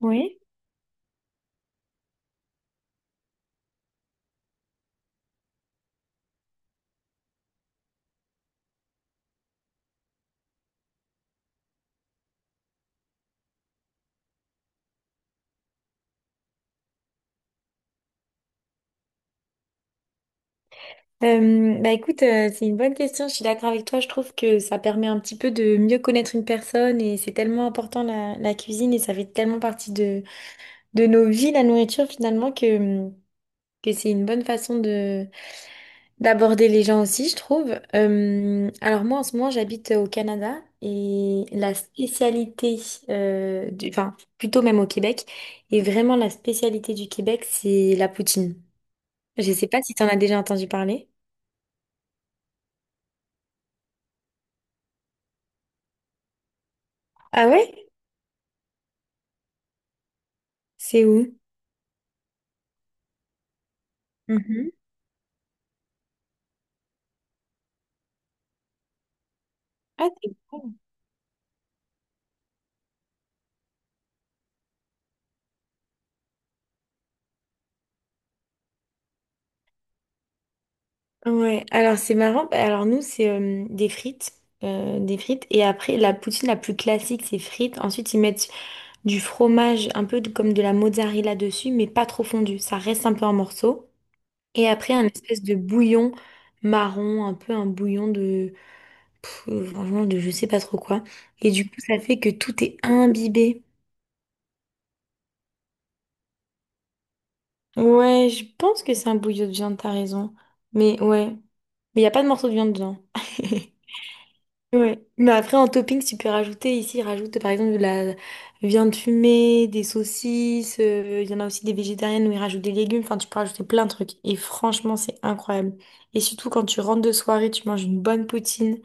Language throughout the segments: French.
Oui. Bah écoute, c'est une bonne question. Je suis d'accord avec toi. Je trouve que ça permet un petit peu de mieux connaître une personne et c'est tellement important la cuisine et ça fait tellement partie de nos vies, la nourriture finalement, que c'est une bonne façon de d'aborder les gens aussi, je trouve. Alors moi, en ce moment, j'habite au Canada et la spécialité, du, enfin plutôt même au Québec, et vraiment la spécialité du Québec, c'est la poutine. Je sais pas si tu en as déjà entendu parler. Ah ouais? C'est où? Mhm. Ah, c'est bon. Ouais, alors c'est marrant. Bah, alors nous, c'est des frites. Des frites. Et après, la poutine la plus classique, c'est frites. Ensuite, ils mettent du fromage, comme de la mozzarella dessus, mais pas trop fondu. Ça reste un peu en morceaux. Et après, un espèce de bouillon marron, un peu un bouillon de... franchement, de je sais pas trop quoi. Et du coup, ça fait que tout est imbibé. Ouais, je pense que c'est un bouillon de viande, t'as raison. Mais ouais. Mais il n'y a pas de morceau de viande dedans. Ouais. Mais après, en topping, tu peux rajouter ici, rajoute par exemple de la viande fumée, des saucisses. Il y en a aussi des végétariennes où ils rajoutent des légumes. Enfin, tu peux rajouter plein de trucs. Et franchement, c'est incroyable. Et surtout, quand tu rentres de soirée, tu manges une bonne poutine.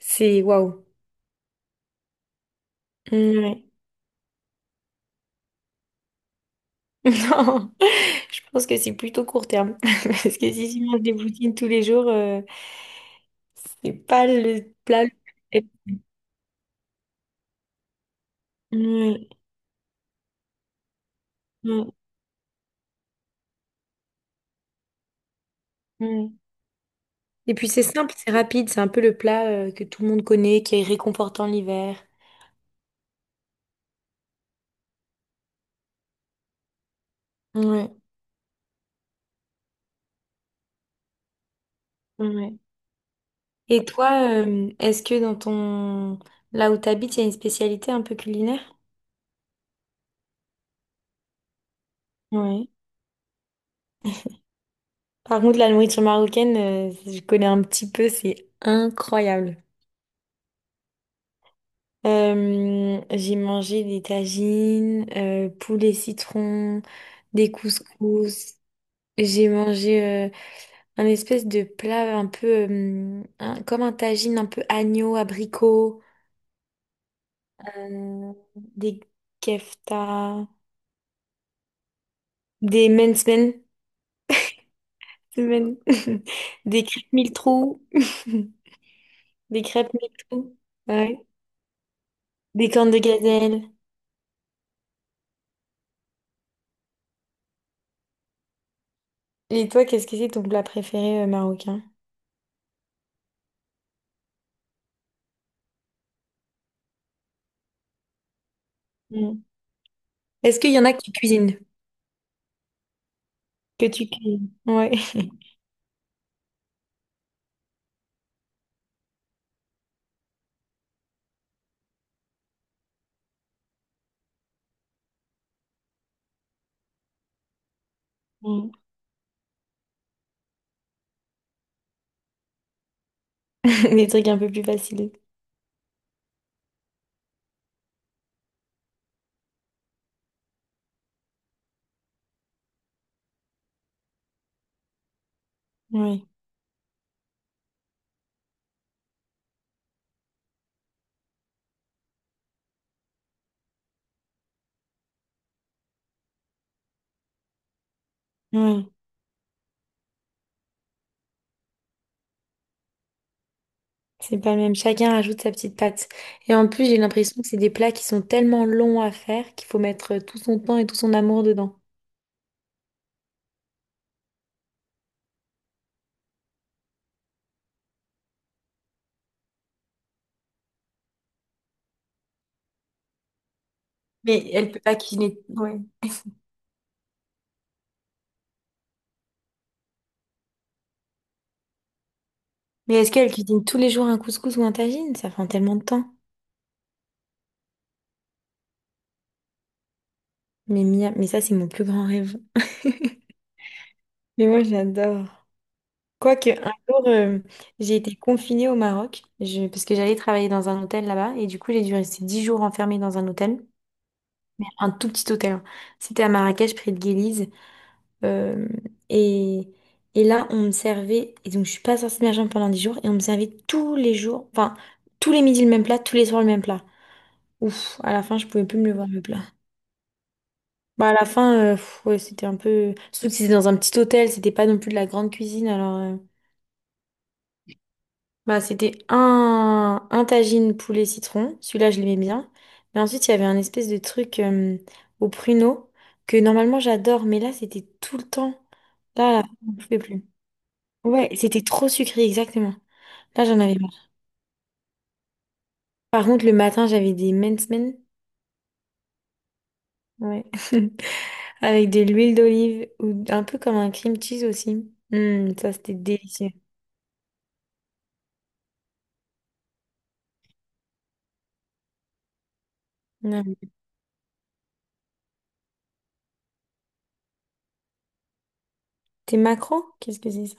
C'est waouh. Ouais. Non, je pense que c'est plutôt court terme. Parce que si tu manges des poutines tous les jours, c'est pas le plat le plus- Ouais, ouais, ouais. Et puis c'est simple, c'est rapide, c'est un peu le plat que tout le monde connaît, qui est réconfortant l'hiver. Ouais, ouais. Et toi, est-ce que dans ton... là où tu habites, il y a une spécialité un peu culinaire? Ouais. Par contre, la nourriture marocaine, je connais un petit peu, c'est incroyable. J'ai mangé des tagines, poulet citron, des couscous. J'ai mangé un espèce de plat un peu comme un tagine un peu agneau, abricot. Des kefta, des mensmen, men- des crêpes mille trous, des crêpes mille trous, ouais. Des cornes de gazelle. Et toi, qu'est-ce que c'est ton plat préféré marocain? Mm. Est-ce qu'il y en a que tu cuisines? Que tu cuisines? Ouais. Mm. Des trucs un peu plus faciles. Oui, oui, c'est pas le même. Chacun rajoute sa petite patte. Et en plus, j'ai l'impression que c'est des plats qui sont tellement longs à faire qu'il faut mettre tout son temps et tout son amour dedans. Mais elle peut pas cuisiner. Ouais. Mais est-ce qu'elle cuisine tous les jours un couscous ou un tagine? Ça prend tellement de temps. Mais ça, c'est mon plus grand rêve. Mais moi, j'adore. Quoique, un jour, j'ai été confinée au Maroc parce que j'allais travailler dans un hôtel là-bas. Et du coup, j'ai dû rester 10 jours enfermée dans un hôtel. Un tout petit hôtel. Hein. C'était à Marrakech, près de Guéliz. Euh, et, et là, on me servait. Et donc, je suis pas sortie de ma chambre pendant 10 jours. Et on me servait tous les jours. Enfin, tous les midis le même plat, tous les soirs le même plat. Ouf, à la fin, je pouvais plus me le voir le plat. Bah, à la fin, ouais, c'était un peu. Surtout que c'était dans un petit hôtel, c'était pas non plus de la grande cuisine. Bah, c'était un tagine poulet citron. Celui-là, je l'aimais bien. Mais ensuite, il y avait un espèce de truc au pruneau que normalement j'adore, mais là, c'était tout le temps. Là, là, on pouvait plus. Ouais, c'était trop sucré, exactement. Là, j'en avais marre. Par contre, le matin, j'avais des mens men. Ouais. Avec de l'huile d'olive ou un peu comme un cream cheese aussi. Mm, ça, c'était délicieux. T'es macro? Qu'est-ce que c'est ça?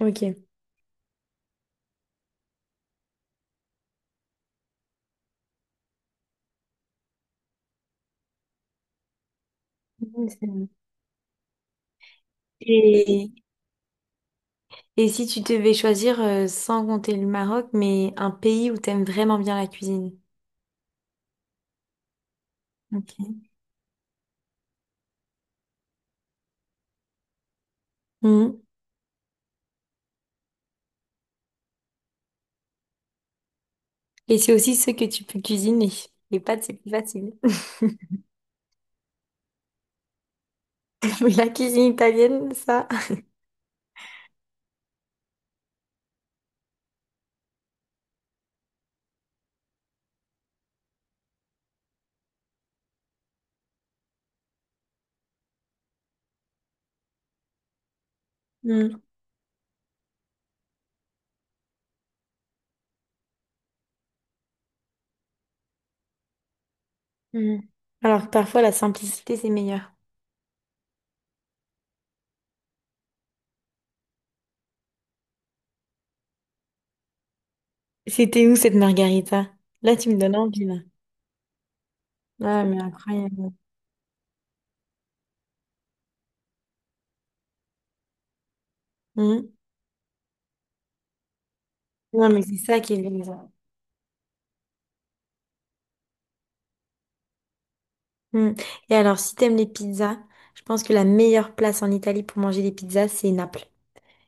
Ok. Mhm, c'est bon. Et, et si tu devais choisir, sans compter le Maroc, mais un pays où t'aimes vraiment bien la cuisine? Ok. Mhm. Et c'est aussi ce que tu peux cuisiner. Les pâtes, c'est plus facile. Mais la cuisine italienne, ça. Mhm. Mhm. Alors que parfois la simplicité c'est meilleur. C'était où cette margarita? Là, tu me donnes envie, là. Ah, mais incroyable. Mhm. Non, mais c'est ça qui est bien. Mm. Et alors, si t'aimes les pizzas, je pense que la meilleure place en Italie pour manger des pizzas, c'est Naples.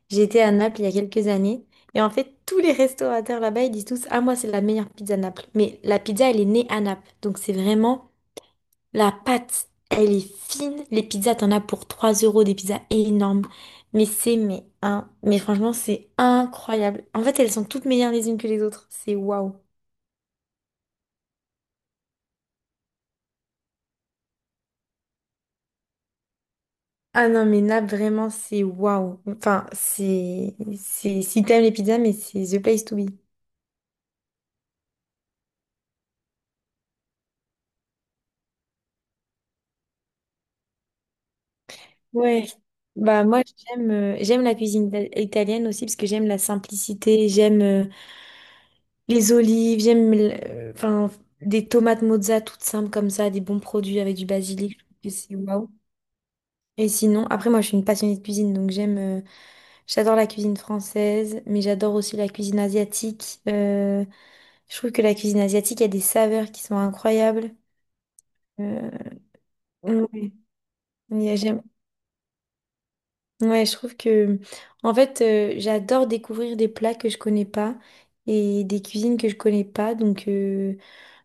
J'étais à Naples il y a quelques années, et en fait, tous les restaurateurs là-bas, ils disent tous, ah, moi, c'est la meilleure pizza Naples. Mais la pizza, elle est née à Naples, donc c'est vraiment la pâte, elle est fine. Les pizzas, t'en as pour 3 euros, des pizzas énormes. Mais franchement, c'est incroyable. En fait, elles sont toutes meilleures les unes que les autres. C'est waouh. Ah non, mais là, vraiment, c'est waouh. Enfin, si t'aimes les pizzas, mais c'est the place to be. Ouais. Bah, moi, j'aime la cuisine italienne aussi parce que j'aime la simplicité, j'aime les olives, enfin, des tomates mozza toutes simples comme ça, des bons produits avec du basilic. Je trouve que c'est waouh. Et sinon, après, moi, je suis une passionnée de cuisine, donc j'adore la cuisine française, mais j'adore aussi la cuisine asiatique. Je trouve que la cuisine asiatique, il y a des saveurs qui sont incroyables. Euh, ouais, il y a- j'aime- ouais, je trouve que, en fait, j'adore découvrir des plats que je connais pas et des cuisines que je connais pas.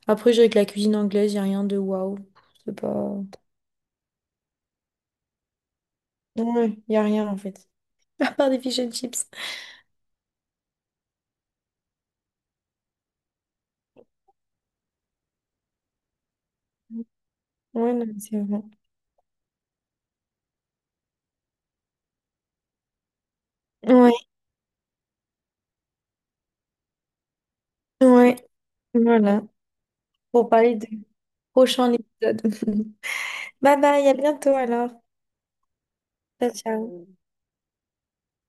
Après, je dirais que la cuisine anglaise, il n'y a rien de waouh. C'est pas. Ouais, il n'y a rien, en fait. À part des fish and chips. Ouais, non, c'est vrai. Ouais, ouais. Voilà, pour parler du prochain épisode. Bye bye, à bientôt alors. Ciao, ciao.